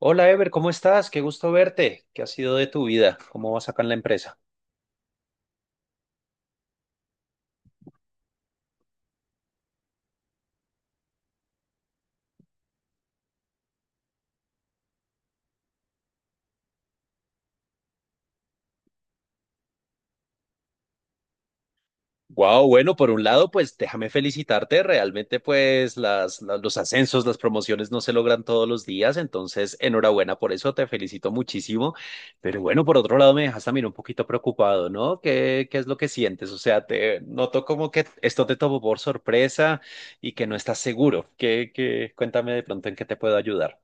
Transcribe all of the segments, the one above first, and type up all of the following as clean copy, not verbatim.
Hola Ever, ¿cómo estás? Qué gusto verte. ¿Qué ha sido de tu vida? ¿Cómo vas acá en la empresa? Wow, bueno, por un lado, pues déjame felicitarte. Realmente, pues los ascensos, las promociones no se logran todos los días, entonces enhorabuena por eso, te felicito muchísimo. Pero bueno, por otro lado, me dejas también un poquito preocupado, ¿no? ¿Qué es lo que sientes? O sea, te noto como que esto te tomó por sorpresa y que no estás seguro. ¿Qué, qué? Cuéntame de pronto en qué te puedo ayudar.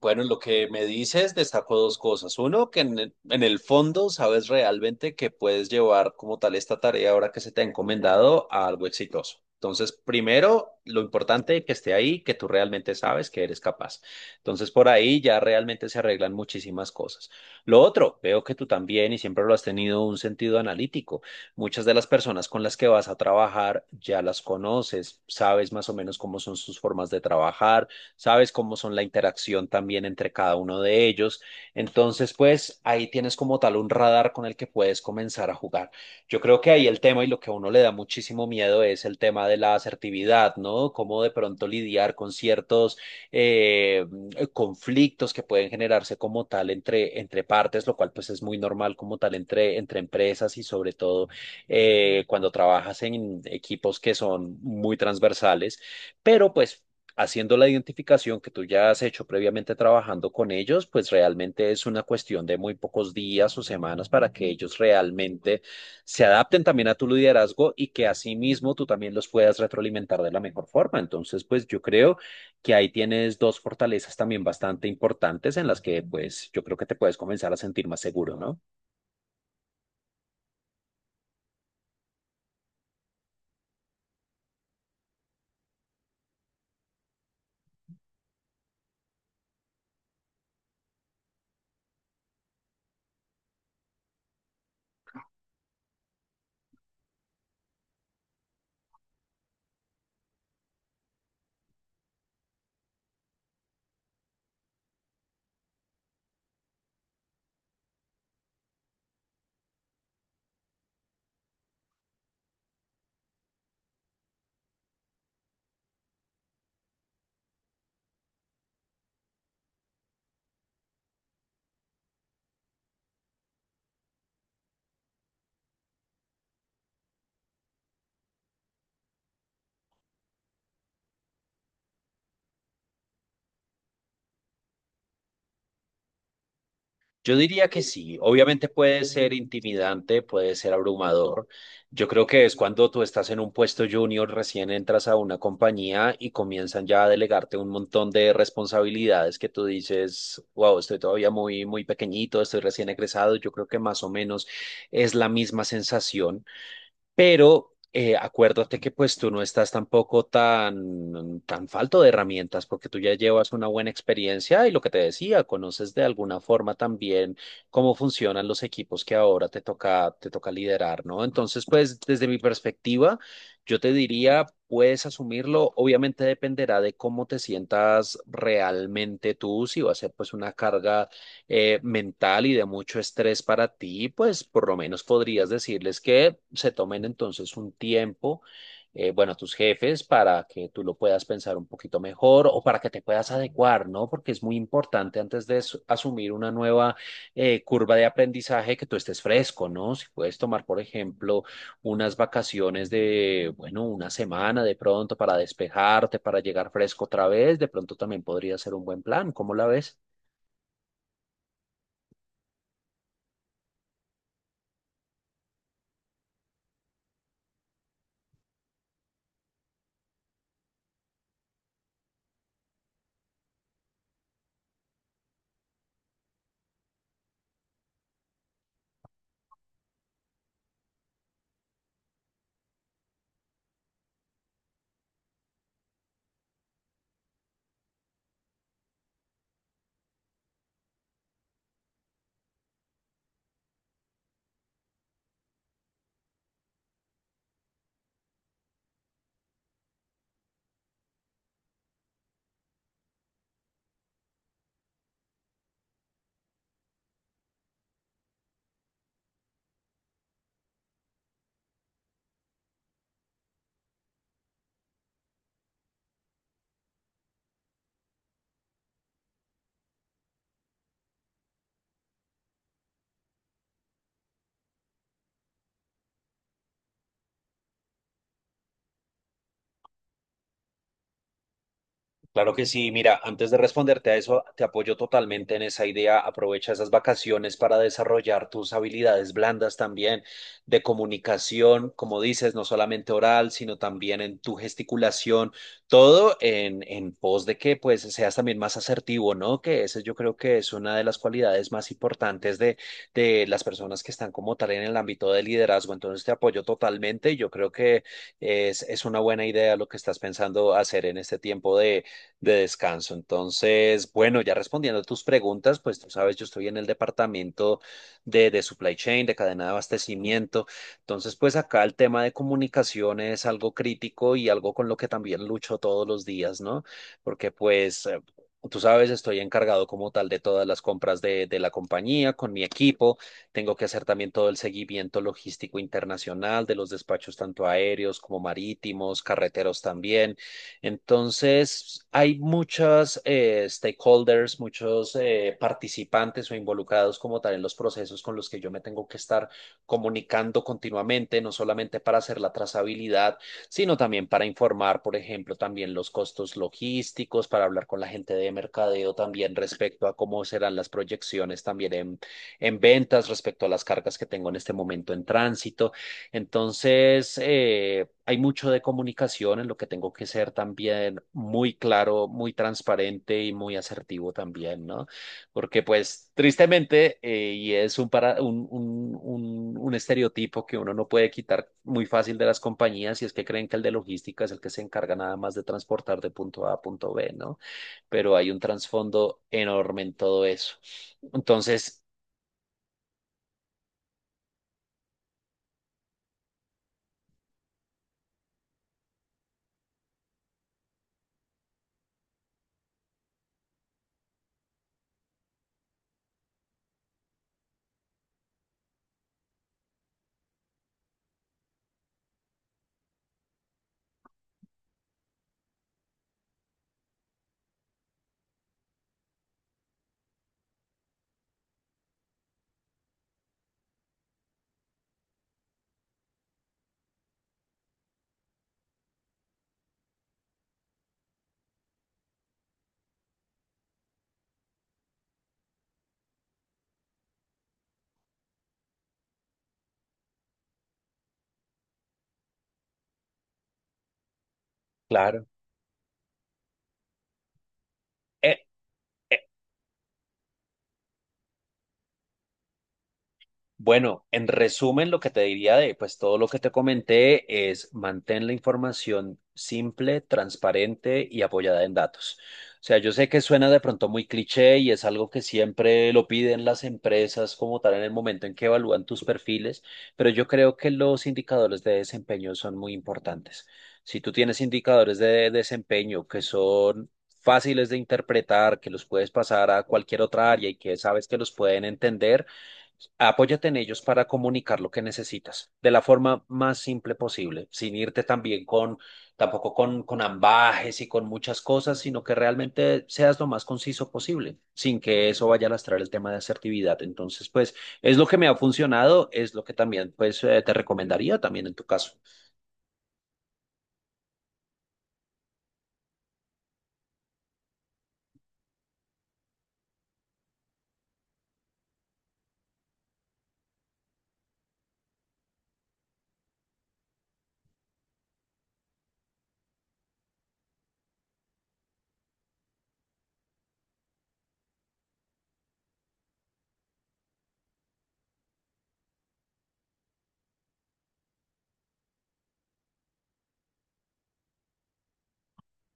Bueno, lo que me dices destaco dos cosas. Uno, que en el fondo sabes realmente que puedes llevar como tal esta tarea ahora que se te ha encomendado a algo exitoso. Entonces, primero, lo importante que esté ahí, que tú realmente sabes que eres capaz. Entonces, por ahí ya realmente se arreglan muchísimas cosas. Lo otro, veo que tú también, y siempre lo has tenido, un sentido analítico. Muchas de las personas con las que vas a trabajar ya las conoces, sabes más o menos cómo son sus formas de trabajar. Sabes cómo son la interacción también entre cada uno de ellos. Entonces, pues ahí tienes como tal un radar con el que puedes comenzar a jugar. Yo creo que ahí el tema y lo que a uno le da muchísimo miedo es el tema de la asertividad, ¿no? Cómo de pronto lidiar con ciertos eh, conflictos que pueden generarse como tal entre partes, lo cual pues es muy normal como tal entre empresas y sobre todo cuando trabajas en equipos que son muy transversales, pero pues haciendo la identificación que tú ya has hecho previamente trabajando con ellos, pues realmente es una cuestión de muy pocos días o semanas para que ellos realmente se adapten también a tu liderazgo y que asimismo tú también los puedas retroalimentar de la mejor forma. Entonces, pues yo creo que ahí tienes dos fortalezas también bastante importantes en las que pues yo creo que te puedes comenzar a sentir más seguro, ¿no? Yo diría que sí, obviamente puede ser intimidante, puede ser abrumador. Yo creo que es cuando tú estás en un puesto junior, recién entras a una compañía y comienzan ya a delegarte un montón de responsabilidades que tú dices, wow, estoy todavía muy, muy pequeñito, estoy recién egresado. Yo creo que más o menos es la misma sensación, pero acuérdate que pues tú no estás tampoco tan, tan falto de herramientas porque tú ya llevas una buena experiencia y lo que te decía, conoces de alguna forma también cómo funcionan los equipos que ahora te toca liderar, ¿no? Entonces, pues desde mi perspectiva, yo te diría, puedes asumirlo, obviamente dependerá de cómo te sientas realmente tú. Si va a ser pues una carga mental y de mucho estrés para ti, pues por lo menos podrías decirles que se tomen entonces un tiempo, bueno, tus jefes, para que tú lo puedas pensar un poquito mejor o para que te puedas adecuar, ¿no? Porque es muy importante antes de asumir una nueva curva de aprendizaje que tú estés fresco, ¿no? Si puedes tomar, por ejemplo, unas vacaciones de, bueno, una semana de pronto para despejarte, para llegar fresco otra vez, de pronto también podría ser un buen plan. ¿Cómo la ves? Claro que sí, mira, antes de responderte a eso, te apoyo totalmente en esa idea. Aprovecha esas vacaciones para desarrollar tus habilidades blandas también de comunicación, como dices, no solamente oral, sino también en tu gesticulación, todo en pos de que pues seas también más asertivo, ¿no? Que ese yo creo que es una de las cualidades más importantes de las personas que están como tal en el ámbito del liderazgo. Entonces te apoyo totalmente y yo creo que es una buena idea lo que estás pensando hacer en este tiempo de descanso. Entonces, bueno, ya respondiendo a tus preguntas, pues tú sabes, yo estoy en el departamento de supply chain, de cadena de abastecimiento. Entonces, pues acá el tema de comunicación es algo crítico y algo con lo que también lucho todos los días, ¿no? Porque pues, tú sabes, estoy encargado como tal de todas las compras de la compañía con mi equipo. Tengo que hacer también todo el seguimiento logístico internacional de los despachos tanto aéreos como marítimos, carreteros también. Entonces, hay muchos stakeholders, muchos participantes o involucrados como tal en los procesos con los que yo me tengo que estar comunicando continuamente, no solamente para hacer la trazabilidad, sino también para informar, por ejemplo, también los costos logísticos, para hablar con la gente de mercadeo también respecto a cómo serán las proyecciones también en ventas, respecto a las cargas que tengo en este momento en tránsito. Entonces, hay mucho de comunicación en lo que tengo que ser también muy claro, muy transparente y muy asertivo también, ¿no? Porque pues tristemente, y es un, para, un, un estereotipo que uno no puede quitar muy fácil de las compañías y es que creen que el de logística es el que se encarga nada más de transportar de punto A a punto B, ¿no? Pero hay un trasfondo enorme en todo eso. Entonces. Claro. eh, Bueno, en resumen, lo que te diría de pues todo lo que te comenté es mantén la información simple, transparente y apoyada en datos. O sea, yo sé que suena de pronto muy cliché y es algo que siempre lo piden las empresas como tal en el momento en que evalúan tus perfiles, pero yo creo que los indicadores de desempeño son muy importantes. Si tú tienes indicadores de desempeño que son fáciles de interpretar, que los puedes pasar a cualquier otra área y que sabes que los pueden entender, apóyate en ellos para comunicar lo que necesitas de la forma más simple posible, sin irte también con, tampoco con, ambages y con muchas cosas, sino que realmente seas lo más conciso posible, sin que eso vaya a lastrar el tema de asertividad. Entonces, pues, es lo que me ha funcionado, es lo que también, pues, te recomendaría también en tu caso.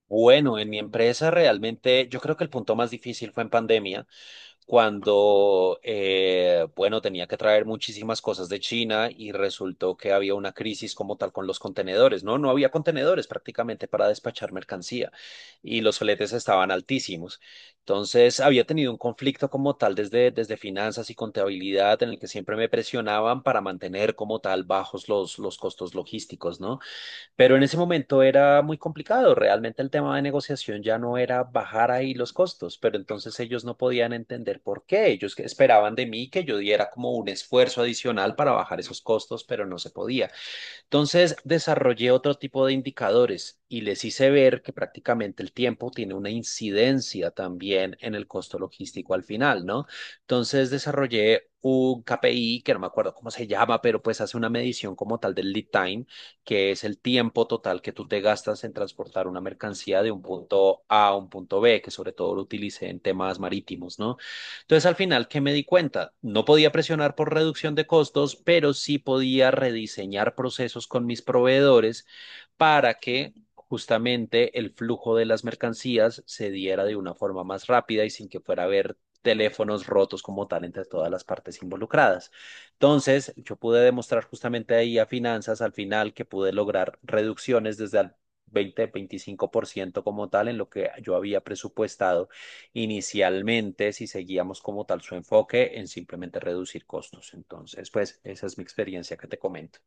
Bueno, en mi empresa realmente yo creo que el punto más difícil fue en pandemia cuando, bueno, tenía que traer muchísimas cosas de China y resultó que había una crisis como tal con los contenedores, ¿no? No había contenedores prácticamente para despachar mercancía y los fletes estaban altísimos. Entonces, había tenido un conflicto como tal desde finanzas y contabilidad en el que siempre me presionaban para mantener como tal bajos los costos logísticos, ¿no? Pero en ese momento era muy complicado. Realmente el tema de negociación ya no era bajar ahí los costos, pero entonces ellos no podían entender por qué. Ellos que esperaban de mí que yo diera como un esfuerzo adicional para bajar esos costos, pero no se podía. Entonces desarrollé otro tipo de indicadores y les hice ver que prácticamente el tiempo tiene una incidencia también en el costo logístico al final, ¿no? Entonces desarrollé un KPI que no me acuerdo cómo se llama, pero pues hace una medición como tal del lead time, que es el tiempo total que tú te gastas en transportar una mercancía de un punto A a un punto B, que sobre todo lo utilicé en temas marítimos, ¿no? Entonces, al final, ¿qué me di cuenta? No podía presionar por reducción de costos, pero sí podía rediseñar procesos con mis proveedores para que justamente el flujo de las mercancías se diera de una forma más rápida y sin que fuera a haber teléfonos rotos como tal entre todas las partes involucradas. Entonces, yo pude demostrar justamente ahí a finanzas al final que pude lograr reducciones desde el 20-25% como tal en lo que yo había presupuestado inicialmente si seguíamos como tal su enfoque en simplemente reducir costos. Entonces, pues esa es mi experiencia que te comento.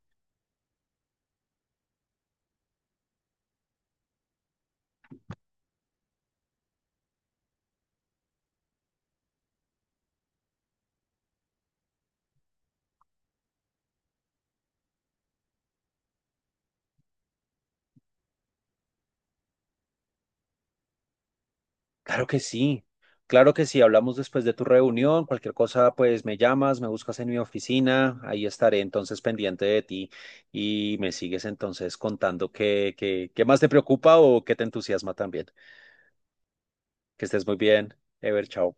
Claro que sí, claro que sí. Hablamos después de tu reunión. Cualquier cosa, pues me llamas, me buscas en mi oficina. Ahí estaré entonces pendiente de ti y me sigues entonces contando qué más te preocupa o qué te entusiasma también. Que estés muy bien. Ever, chao.